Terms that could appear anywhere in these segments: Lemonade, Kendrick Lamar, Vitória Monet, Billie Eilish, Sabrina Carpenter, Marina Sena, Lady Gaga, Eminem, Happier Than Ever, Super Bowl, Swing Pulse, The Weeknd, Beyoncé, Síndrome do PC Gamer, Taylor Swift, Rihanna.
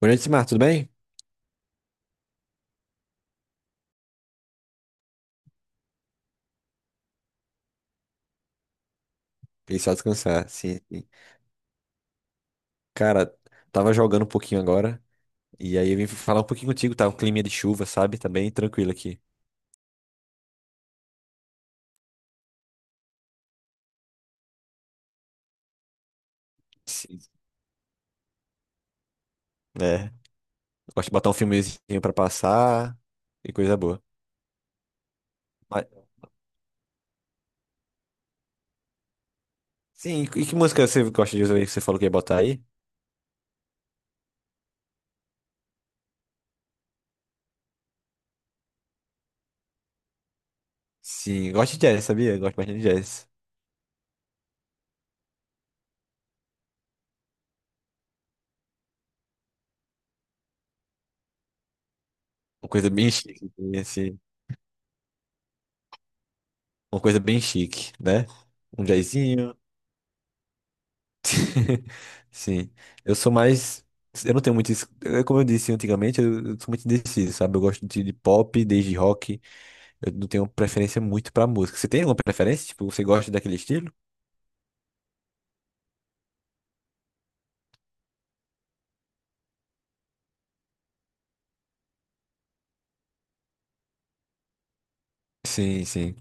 Boa noite, Simar, tudo bem? E só descansar, sim, sim. Cara, tava jogando um pouquinho agora, e aí eu vim falar um pouquinho contigo, tá? Um clima de chuva, sabe? Tá bem tranquilo aqui. Sim. É, gosto de botar um filmezinho pra passar, e coisa boa. Mas, sim, e que música você gosta de usar aí que você falou que ia botar aí? Sim, gosto de jazz, sabia? Gosto bastante de jazz. Uma coisa bem chique, assim, uma coisa bem chique, né? Um jazzinho. Sim. Eu sou mais. Eu não tenho muito. Como eu disse antigamente, eu sou muito indeciso, sabe? Eu gosto de pop, desde rock. Eu não tenho preferência muito pra música. Você tem alguma preferência? Tipo, você gosta daquele estilo? Sim, sim.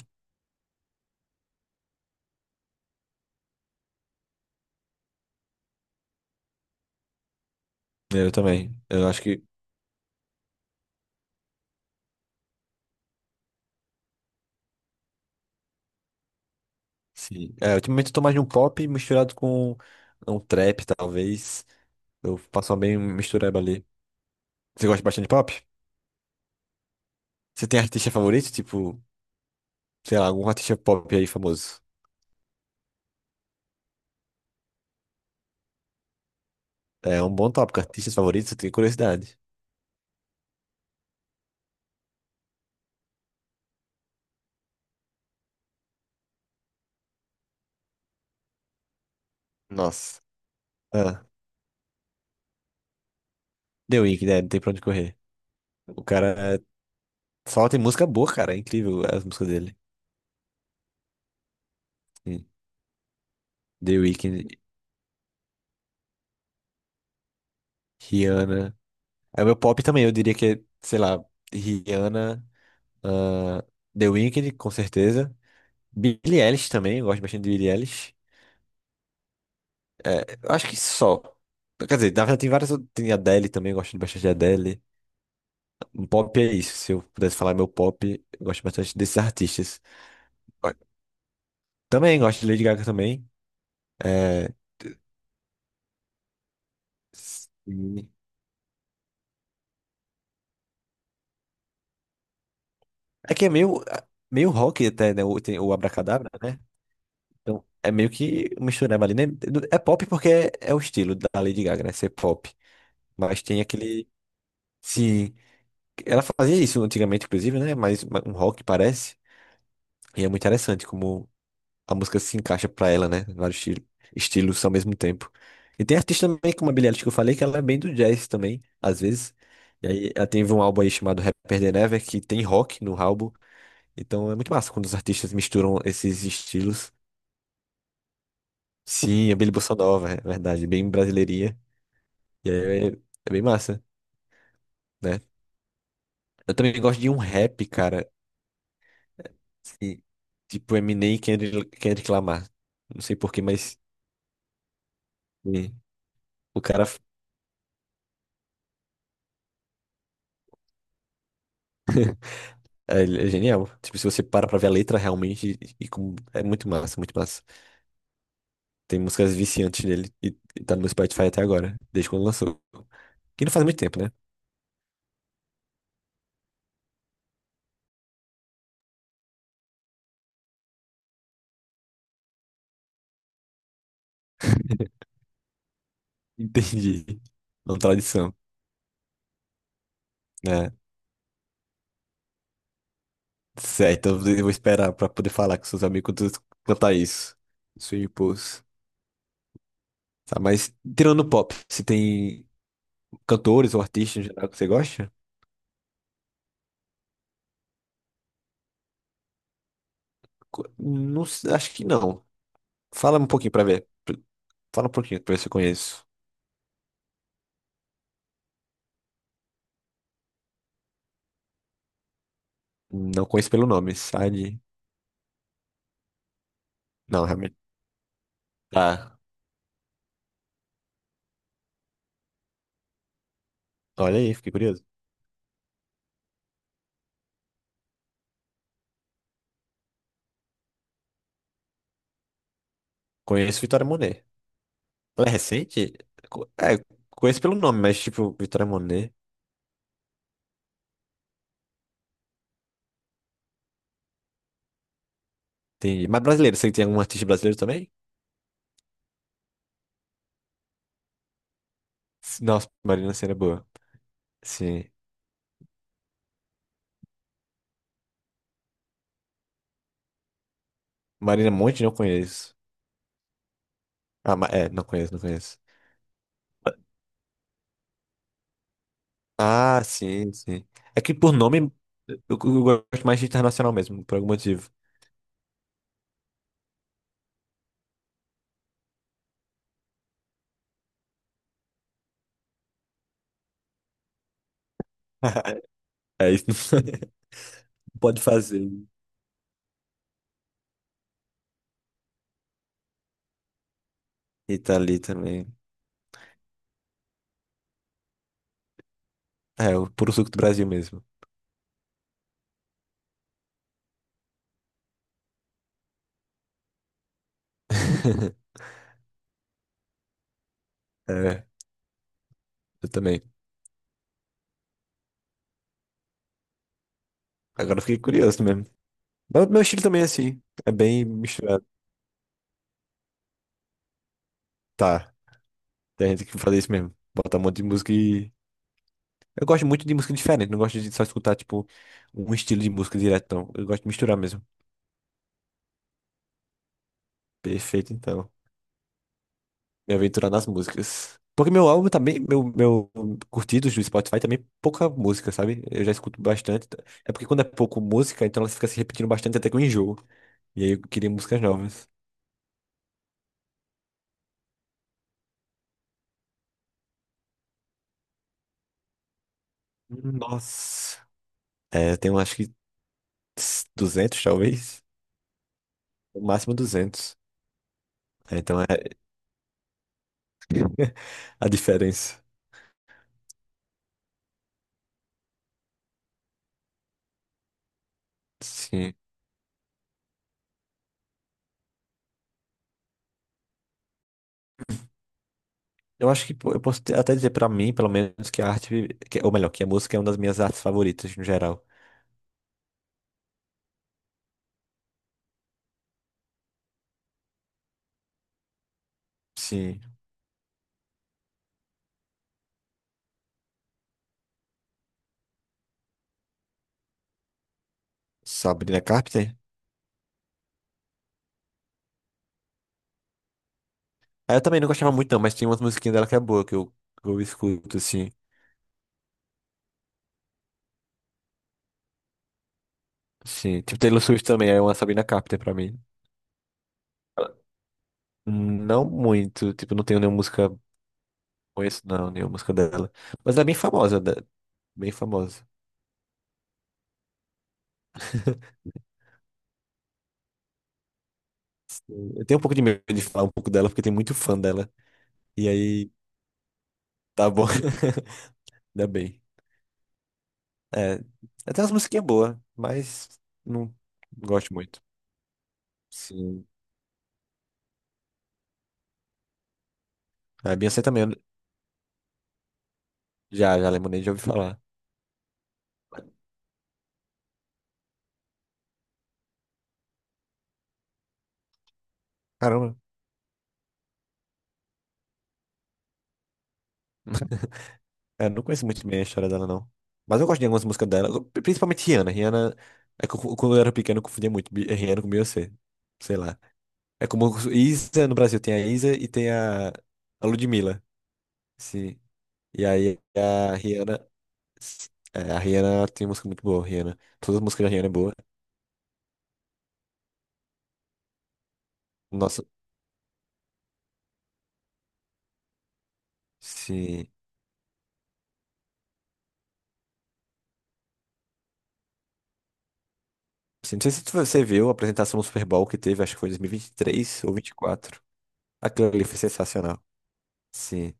Eu também. Eu acho que. Sim. É, ultimamente eu tô mais de um pop misturado com um trap, talvez. Eu faço uma bem mistureba ali. Você gosta bastante de pop? Você tem artista favorito? Tipo, sei lá, algum artista pop aí famoso? É um bom tópico. Artistas favoritos, eu tenho curiosidade. Nossa. Ah, The Weeknd, é, não tem pra onde correr. O cara é, só tem música boa, cara. É incrível as músicas dele. Hum. The Weeknd, Rihanna. É o meu pop também, eu diria que é, sei lá, Rihanna, ah, The Weeknd, com certeza. Billie Eilish também, eu gosto bastante de Billie Eilish. É, eu acho que só. Quer dizer, na verdade tem várias. Tem Adele também, eu gosto bastante de Adele. Um pop é isso. Se eu pudesse falar meu pop, eu gosto bastante desses artistas. Também gosto de Lady Gaga também. É, sim. É que é meio rock até, né? O, tem o Abracadabra, né? Então é meio que uma mistureba ali, né? É pop porque é o estilo da Lady Gaga, né? Ser pop. Mas tem aquele. Sim. Ela fazia isso antigamente, inclusive, né? Mas um rock parece. E é muito interessante como a música se encaixa pra ela, né? Vários estilos ao mesmo tempo. E tem artista também, como a Billie Eilish que eu falei, que ela é bem do jazz também, às vezes. E aí ela teve um álbum aí chamado Happier Than Ever, que tem rock no álbum. Então é muito massa quando os artistas misturam esses estilos. Sim, é bem bossa nova, é verdade, bem brasileirinha. E aí é bem massa, né? Eu também gosto de um rap, cara, assim, tipo Eminem e Kendrick Lamar. Não sei porquê, mas sim, o cara ele é genial. Tipo, se você para pra ver a letra realmente, e é muito massa, muito massa. Tem músicas viciantes dele e tá no meu Spotify até agora, desde quando lançou. Que não faz muito tempo, né? Entendi. Não tradição, né? Certo, eu vou esperar pra poder falar com seus amigos quando tu cantar isso. Swing Pulse. Tá, mas tirando pop, se tem cantores ou artistas em geral que você gosta? Não, acho que não. Fala um pouquinho pra ver. Fala um pouquinho pra ver se eu conheço. Não conheço pelo nome, sabe? Não, realmente. Tá. Olha aí, fiquei curioso. Conheço Vitória Monet. Ela é recente? É, conheço pelo nome, mas tipo, Vitória Monet. Entendi. Mas brasileiro, você tem algum artista brasileiro também? Nossa, Marina Sena é boa. Sim. Marina Monte não conheço. Ah, não conheço, não conheço. Ah, sim, sim. É que por nome eu gosto mais de internacional mesmo, por algum motivo. É isso. Pode fazer. E tá ali também. É, o puro suco do Brasil mesmo. É, eu também. Agora eu fiquei curioso mesmo. Mas o meu estilo também é assim. É bem misturado. Tá, tem gente que faz isso mesmo. Bota um monte de música e. Eu gosto muito de música diferente. Não gosto de só escutar, tipo, um estilo de música direto, não. Eu gosto de misturar mesmo. Perfeito, então. Me aventurar nas músicas. Porque meu álbum também, meu curtidos do Spotify também é pouca música, sabe? Eu já escuto bastante. É porque quando é pouco música, então ela fica se repetindo bastante até que eu enjoo. E aí eu queria músicas novas. Nossa. É, eu tenho acho que 200 talvez. No máximo duzentos. É, então é a diferença. Sim. Eu acho que pô, eu posso até dizer pra mim, pelo menos, que a arte, ou melhor, que a música é uma das minhas artes favoritas no geral. Sim. Sabrina Carpenter? Aí eu também não gostava muito, não, mas tem umas musiquinhas dela que é boa, que eu escuto, assim. Sim, tipo Taylor Swift também, é uma Sabrina Carpenter pra mim. Ela- Não muito, tipo, não tenho nenhuma música, conheço não, nenhuma música dela. Mas ela é bem famosa, bem famosa. Eu tenho um pouco de medo de falar um pouco dela, porque tem muito fã dela. E aí, tá bom, ainda bem. É, até umas musiquinhas boas, mas não gosto muito. Sim, a Beyoncé também, já, Lemonade, já ouvi falar. Caramba. É, não conheço muito bem a história dela, não. Mas eu gosto de algumas músicas dela, principalmente Rihanna. Rihanna, é que quando eu era pequeno, eu confundia muito Rihanna com Beyoncé. Sei lá. É como Isa no Brasil, tem a Isa e tem a Ludmilla. Sim. E aí a Rihanna. É, a Rihanna tem música muito boa, Rihanna. Todas as músicas da Rihanna é boa. Nossa, sim. Sim, não sei se você viu a apresentação no Super Bowl que teve, acho que foi em 2023 ou 2024. Aquilo ali foi sensacional. Sim,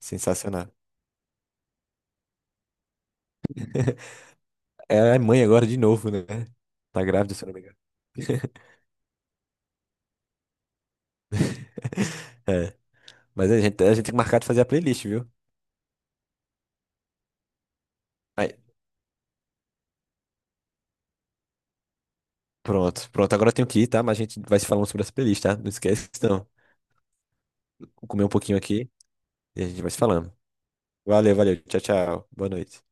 sensacional. Ela é mãe agora de novo, né? Tá grávida, se eu não me engano. É. Mas a gente, tem que marcar de fazer a playlist, viu? Aí, pronto, pronto. Agora eu tenho que ir, tá? Mas a gente vai se falando sobre essa playlist, tá? Não esquece, não. Vou comer um pouquinho aqui e a gente vai se falando. Valeu, valeu. Tchau, tchau. Boa noite.